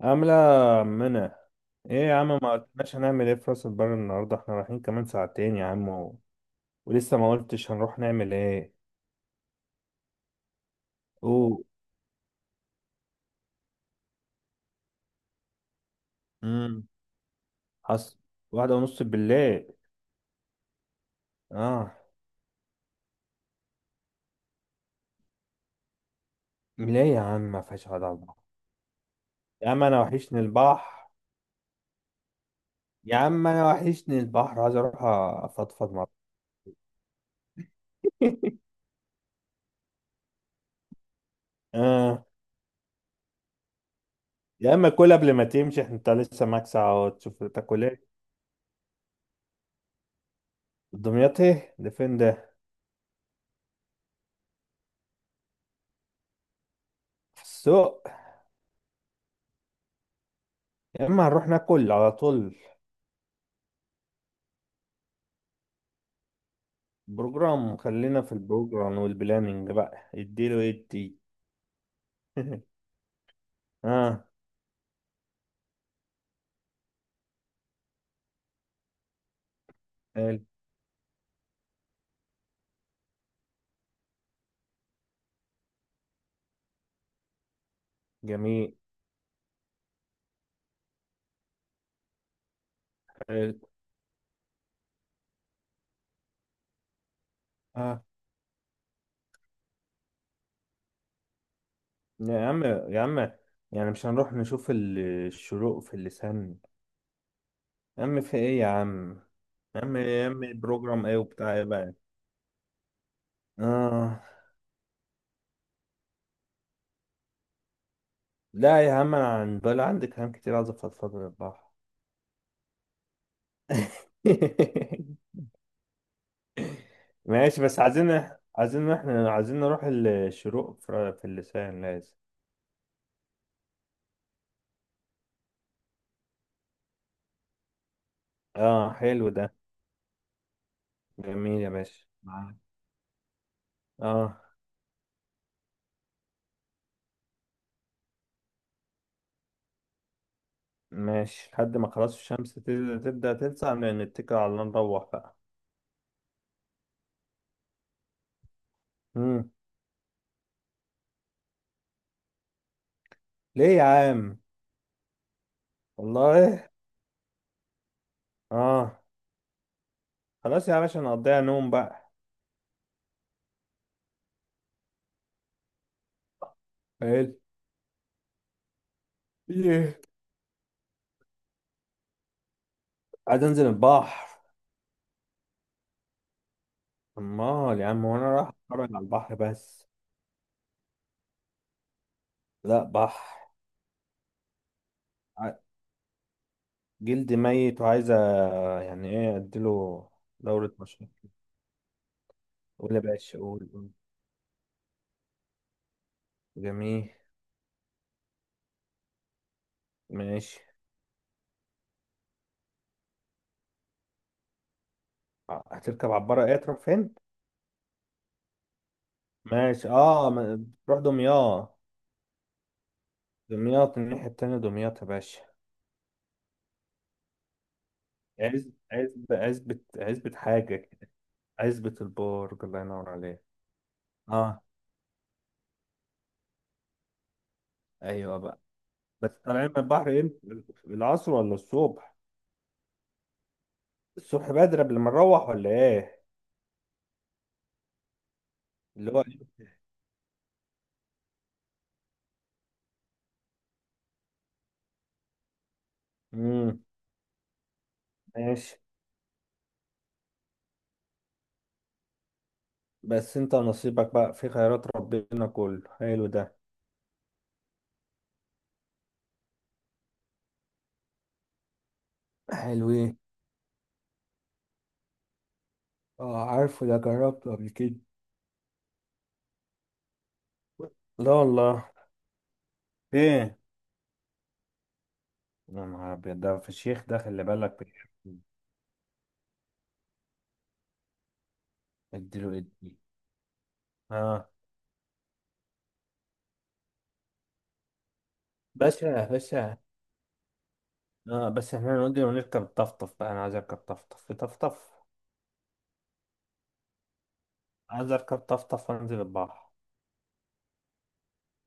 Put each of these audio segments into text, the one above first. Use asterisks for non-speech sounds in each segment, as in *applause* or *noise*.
عاملة منى. ايه يا عم، ما قلتناش هنعمل ايه في راس البر النهاردة؟ احنا رايحين كمان ساعتين يا عم ولسه ما قلتش هنروح نعمل ايه. اوه. امم. حصل. 1:30 بالليل. اه. ليه يا عم ما فيهاش قعدة على البحر؟ يا عم انا وحشني البحر. يا عم انا وحشني البحر، عايز اروح افضفض مع. *laughs* اه. يا اما كل قبل ما تمشي، احنا انت لسه معاك ساعة وتشوف تاكل ايه. دمياط؟ ايه ده؟ فين ده؟ في السوق؟ يا اما هنروح ناكل على طول. بروجرام؟ خلينا في البروجرام والبلاننج بقى، اديله ادي. *laughs* اه، حلو. جميل. حلو. اه. يا عم، يا عم، يعني مش هنروح نشوف الشروق في اللسان؟ يا عم في ايه يا عم؟ يا عم، يا عم، البروجرام ايه وبتاع ايه بقى؟ اه. لا يا عم، انا عن بال عندي كلام كتير، عايز افضفض للراحة. *laughs* ماشي، بس عايزين، عايزين، احنا عايزين نروح الشروق في اللسان، لازم. اه، حلو ده. جميل يا باشا، معاك. اه. ماشي لحد ما خلاص الشمس تبدأ تلسع نتكل على الله نروح بقى. مم. ليه يا عم؟ والله. اه. خلاص يا باشا، نقضيها نوم بقى. حلو. ايه؟ عايز انزل البحر. امال يا عم، وانا رايح اتفرج على البحر بس؟ لا، بحر. ع- جلدي ميت وعايز يعني ايه اديله؟ دورة مشروع. قول يا باشا، قول قول. جميل. ماشي. هتركب عبارة ايه تروح فين؟ ماشي اه. تروح دمياط؟ دمياط، الناحية التانية دمياط يا باشا. عز، عزبة حاجة كده. عزبة البرج، الله ينور عليك. اه. ايوه بقى. بس طالعين من البحر امتى، العصر ولا الصبح؟ الصبح بدري قبل ما نروح ولا ايه؟ اللي هو ايه؟ امم. ماشي. بس انت نصيبك بقى في خيرات ربنا كله حلو ده. حلو ايه. اه، عارفه ده، جربته قبل كده. لا والله. ايه. يا نهار ابيض، ده فشيخ ده، خلي بالك اديله ادي. اه. باشا، يا باشا. اه، بس احنا نقول ونركب طفطف بقى، انا عايز اركب طفطف، في طفطف. عايز اركب طفطف وانزل البحر.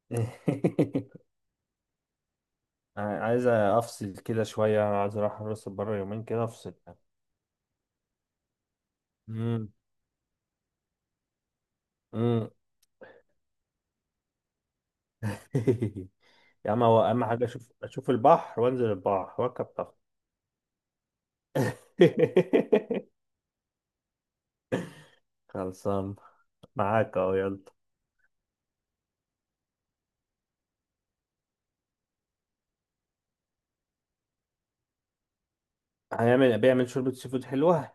*laughs* عايز افصل كده شويه، عايز اروح راس البر يومين كده افصل. امم. امم. *laughs* يا عم، هو اهم حاجه اشوف، اشوف البحر وانزل البحر واركب طفطف. *laughs* خلصان، معاك اهو، يلا. هيعمل، بيعمل شوربه سي فود حلوه.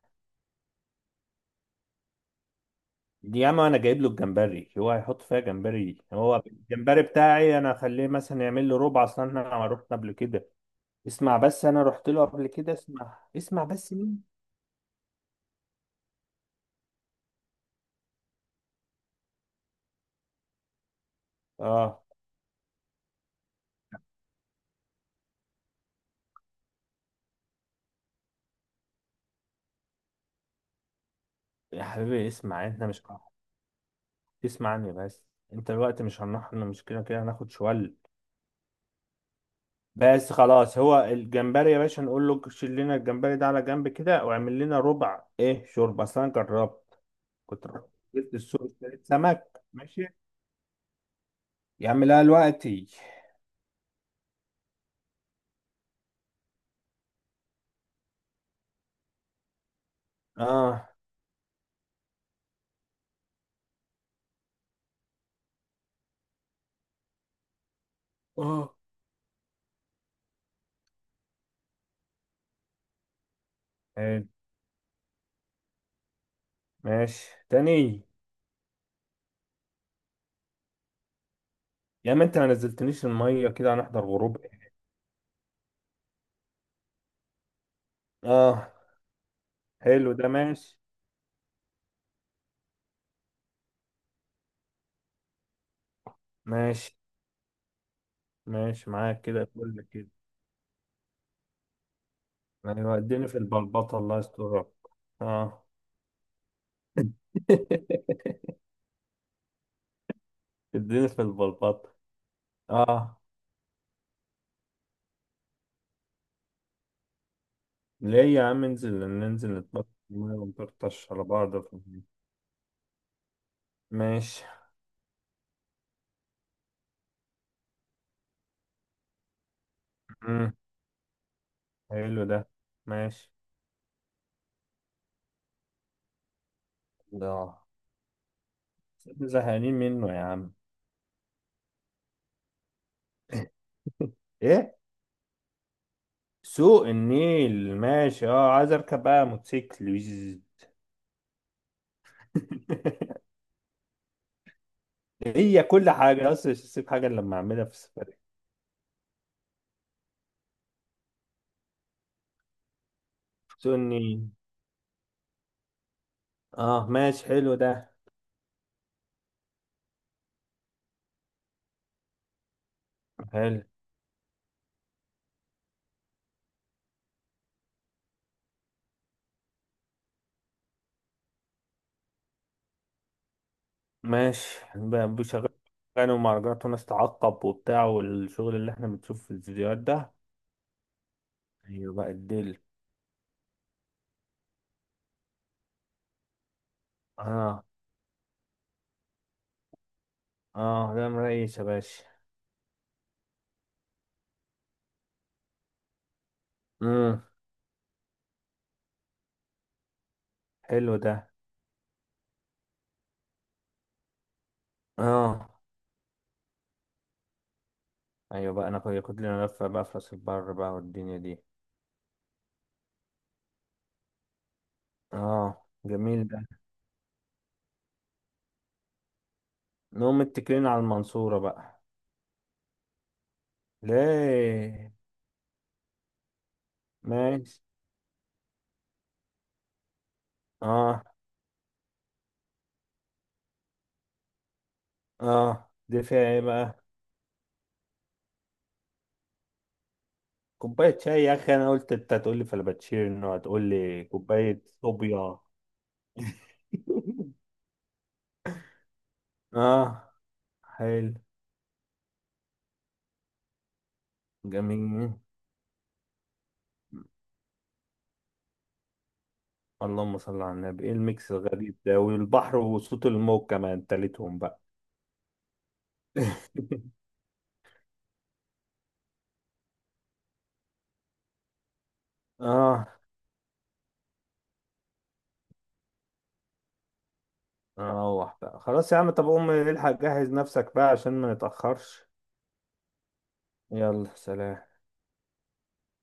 يا عم انا جايب له الجمبري، هو هيحط فيها جمبري؟ هو الجمبري بتاعي انا اخليه مثلا يعمل له ربع، اصلا انا رحت قبل كده. اسمع بس، انا رحت له قبل كده، اسمع، اسمع بس مين. اه، يا حبيبي اسمع، احنا مش. اسمع عني بس. انت الوقت مش هنروح، إحنا مش كده كده هناخد شوال؟ بس خلاص، هو الجمبري يا باشا نقول له شيل لنا الجمبري ده على جنب كده، واعمل لنا ربع ايه شوربه، اصل انا جربت، كنت رحت. جبت السوق، اشتريت سمك. ماشي، يا عم، لا دلوقتي. اه. اه، حلو. ماشي تاني. يا ما انت ما نزلتنيش الميه كده، هنحضر غروب ايه؟ اه، حلو ده. ماشي. ماشي. ماشي معاك كده، كل كده. ايوه، اديني في البلبطه، الله يسترك. اه. *laughs* اديني في البلبطه. اه. ليه يا عم، انزل، ننزل نتبطل في الميه ونطرطش على بعض في الميه. ماشي. مم. حلو ده. ماشي. لا. زهقانين منه يا عم. *laughs* ايه. سوق النيل، ماشي، اه، عايز اركب بقى موتوسيكل ويز. *laughs* هي كل حاجة اصلا، مش هسيب حاجة إلا لما اعملها في السفرية. سوق النيل. اه، ماشي، حلو ده. حلو. ماشي. بشغل كانوا، مهرجانات وناس تعقب وبتاع، والشغل اللي احنا بنشوفه في الفيديوهات ده. ايوه بقى الدل. اه. اه، ده مريش يا باشا. امم. حلو ده. اه. ايوه بقى، انا كنت، لنا لفة بقى في راس البر بقى والدنيا دي. اه، جميل ده. نقوم متكلين على المنصورة بقى. ليه؟ ماشي. اه. اه، دي فيها ايه بقى؟ كوباية شاي يا اخي؟ انا قلت انت هتقول لي فلابتشينو، هتقول لي كوباية صوبيا. *laughs* اه، حلو. جميل. اللهم صل على النبي، ايه الميكس الغريب ده، والبحر وصوت الموج كمان تالتهم بقى. *laughs* اه. نروح بقى خلاص يا عم. طب قوم الحق جهز نفسك بقى عشان ما نتأخرش. يلا سلام.